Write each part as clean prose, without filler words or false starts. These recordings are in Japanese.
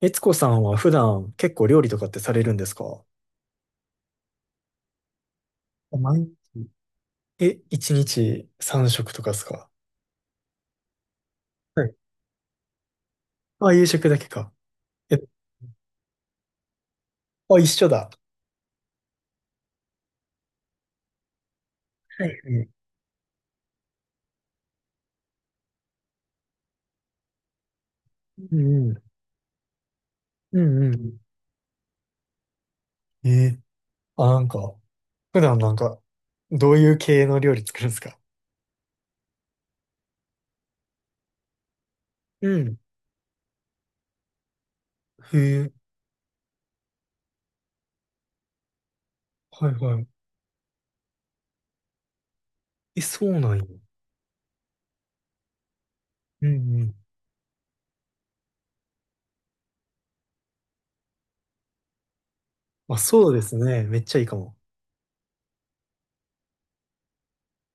悦子さんは普段結構料理とかってされるんですか？毎日。え、1日3食とかですか？はい。あ、夕食だけか。え、あ、一緒だ。はい。はい。うんうん。うんうん。えー、あ、なんか、普段なんか、どういう系の料理作るんですか？うん。へえ、はいはい。え、そうなんや。うんうん。あ、そうですね。めっちゃいいかも。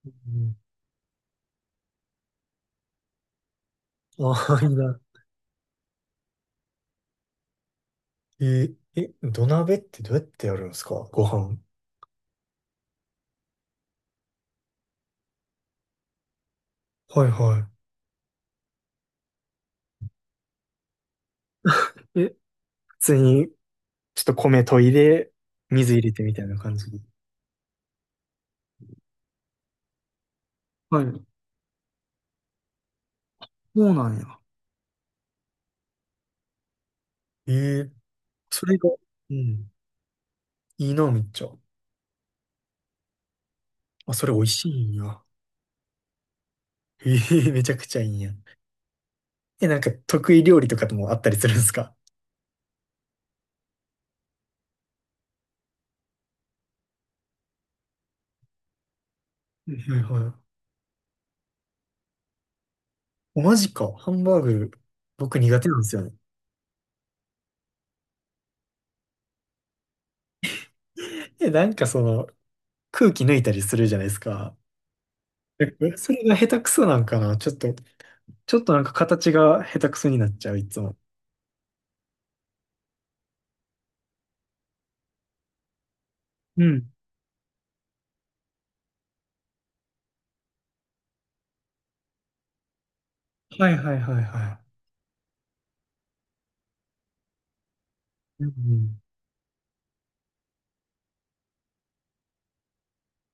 うん。あ、いいな。えー、え、土鍋ってどうやってやるんですかご飯。はいはい。え、普通に、ちょっと米研いで、水入れてみたいな感じで。はい。そうなんや。ええ、それが、うん、いいな、めっちゃ。あ、それ美味しいんや。ええ、 めちゃくちゃいいんや。え、なんか得意料理とかともあったりするんですか？はいはい。おマジか。ハンバーグ、僕苦手なんですよね。え、なんかその、空気抜いたりするじゃないですか。え、それが下手くそなんかな。ちょっとなんか形が下手くそになっちゃう、いつも。うん。はいはいはいはい。うんうん、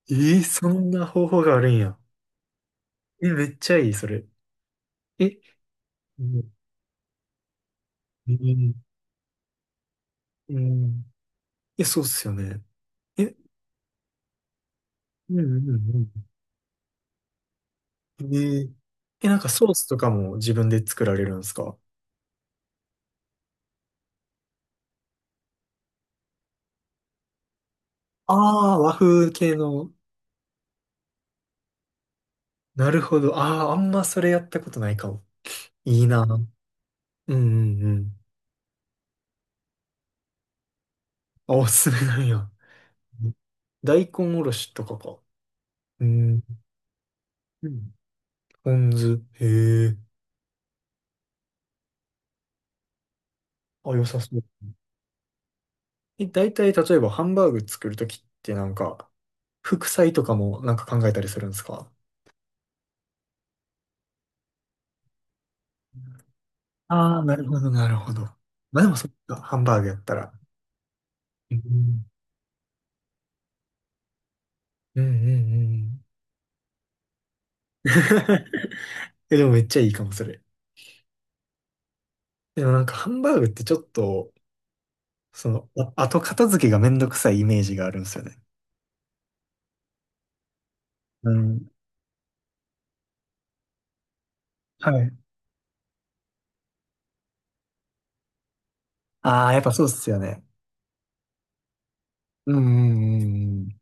えー、そんな方法があるんや。え、めっちゃいい、それ。え、うん、うん、うん、え、そうっすよね。え、うん、うん、うん。えー、え、なんかソースとかも自分で作られるんですか？ああー、和風系の。なるほど。ああ、あんまそれやったことないかも。いいな。うん、うん、うん。あ、おすすめなんや。うん、大根おろしとかか。うん。うん、ポン酢。へえ。あ、良さそう。え、大体、例えばハンバーグ作るときってなんか、副菜とかもなんか考えたりするんですか？ああー、なるほど、なるほど。まあでもそっか、ハンバーグやったら。うんうんうんうん。え、でもめっちゃいいかも、それ。でもなんかハンバーグってちょっと、その、あ、後片付けがめんどくさいイメージがあるんですよね。うん。はい。ああ、やっぱそうっすよね。うんうんうんうん。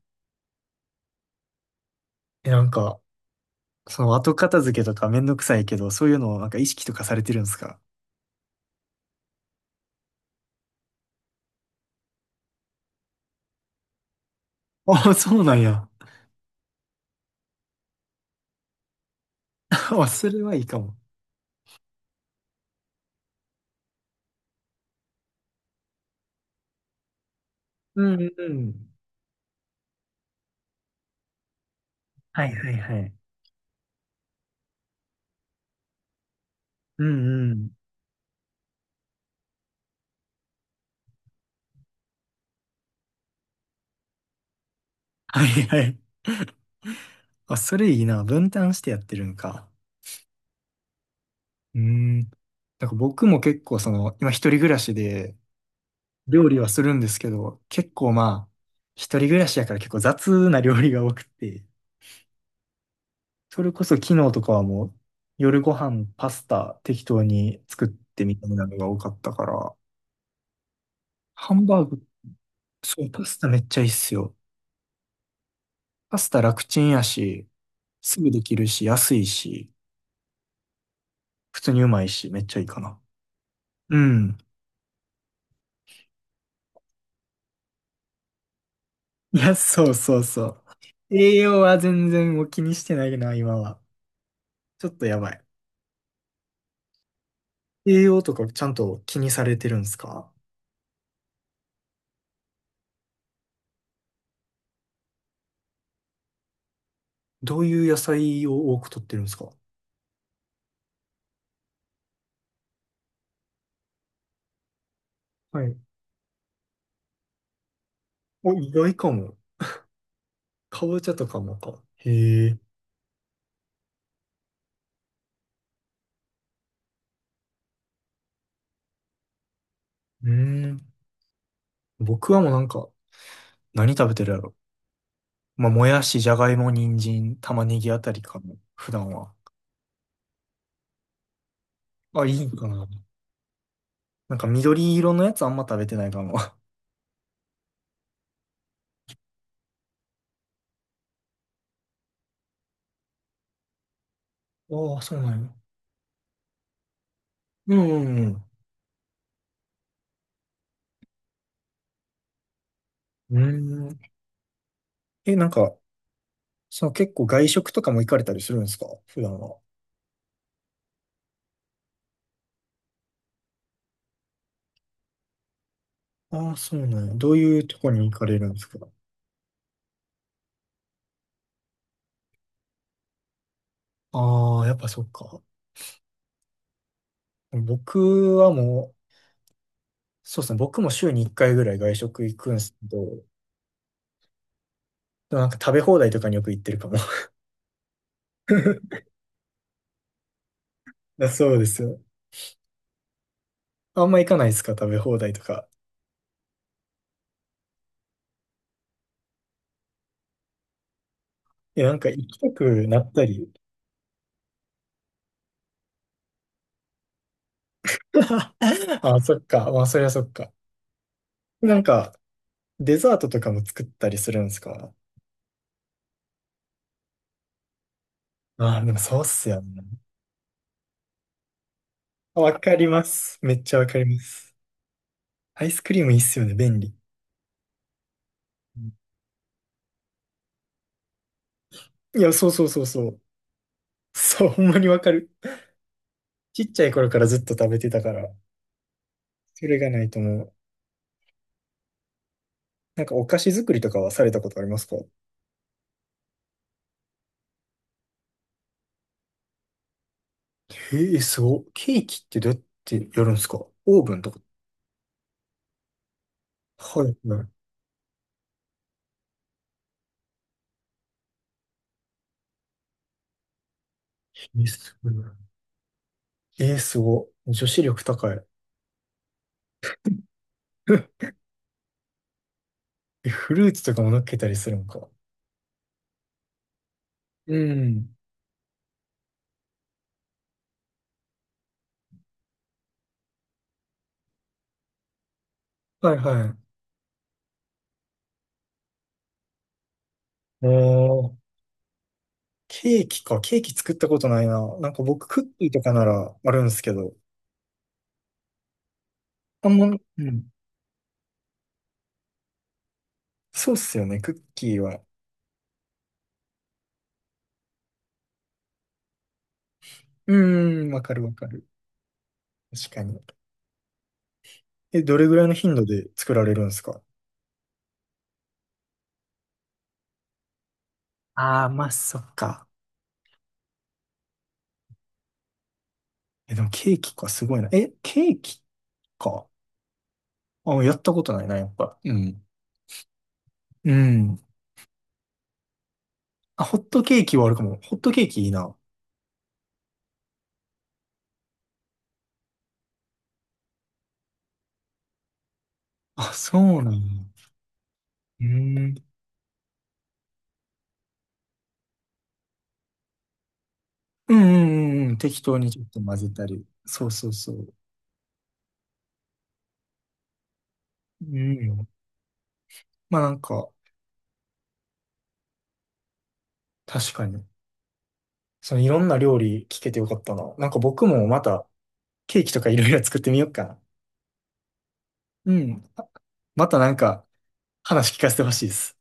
え、なんか、その後片付けとかめんどくさいけど、そういうのをなんか意識とかされてるんですか？ああー、そうなんや。あ、それはいいかも。うんうんうん。はいはいはい。うんうん。はいはい。あ、それいいな。分担してやってるんか。うーん。なんか僕も結構その、今一人暮らしで料理はするんですけど、結構まあ、一人暮らしやから結構雑な料理が多くて、それこそ昨日とかはもう夜ご飯パスタ適当に作ってみたみたいなのが多かったから、ハンバーグ、そう、パスタめっちゃいいっすよ。パスタ楽ちんやし、すぐできるし、安いし、普通にうまいし、めっちゃいいかな。うん。いや、そうそうそう。栄養は全然もう気にしてないな、今は。ちょっとやばい。栄養とかちゃんと気にされてるんですか？どういう野菜を多く取ってるんですか？はい。お、意外かも。かぼちゃとかもか。へえ。うーん。僕はもうなんか、何食べてるやろ。まあ、もやし、じゃがいも、人参、玉ねぎあたりかも。普段は。あ、いいんかな。なんか緑色のやつあんま食べてないかも。ああ、そうなんや。うんうんうん。うーん。え、なんか、そう、結構外食とかも行かれたりするんですか普段は。ああ、そうなんや。どういうとこに行かれるんですか？ああ、やっぱそっか。僕はもう、そうですね。僕も週に1回ぐらい外食行くんですけど、でもなんか食べ放題とかによく行ってるかも。だそうですよ。あんま行かないですか食べ放題とか。いや、なんか行きたくなったり。ああ、そっか。まあ、そりゃそっか。なんか、デザートとかも作ったりするんですか？ああ、でもそうっすよね。わかります。めっちゃわかります。アイスクリームいいっすよね、便利。うん、いや、そうそうそうそう。そう、ほんまにわかる。ちっちゃい頃からずっと食べてたから、それがないともう。なんかお菓子作りとかはされたことありますか？へえ、すごいケーキってどうやってやるんですか？オーブンとか。はい、はい。え、すごい、えー、すごい女子力高い。え、フルーツとかも乗っけたりするんか。うん。はいはい。おー、ケーキか。ケーキ作ったことないな。なんか僕、クッキーとかならあるんですけど、あんま、うん。そうっすよね。クッキーは。うーん、わかるわかる。確かに。え、どれぐらいの頻度で作られるんですか？ああ、まあ、そっか。え、でもケーキか、すごいな。え、ケーキか。あ、やったことないな、やっぱ。うん。うん。あ、ホットケーキはあるかも。ホットケーキいいな。あ、そうなんや。うん。うんうんうんうん。適当にちょっと混ぜたり。そうそうそう。うん。まあなんか、確かに。そのいろんな料理聞けてよかったな。なんか僕もまたケーキとかいろいろ作ってみようかな。うん。またなんか話聞かせてほしいです。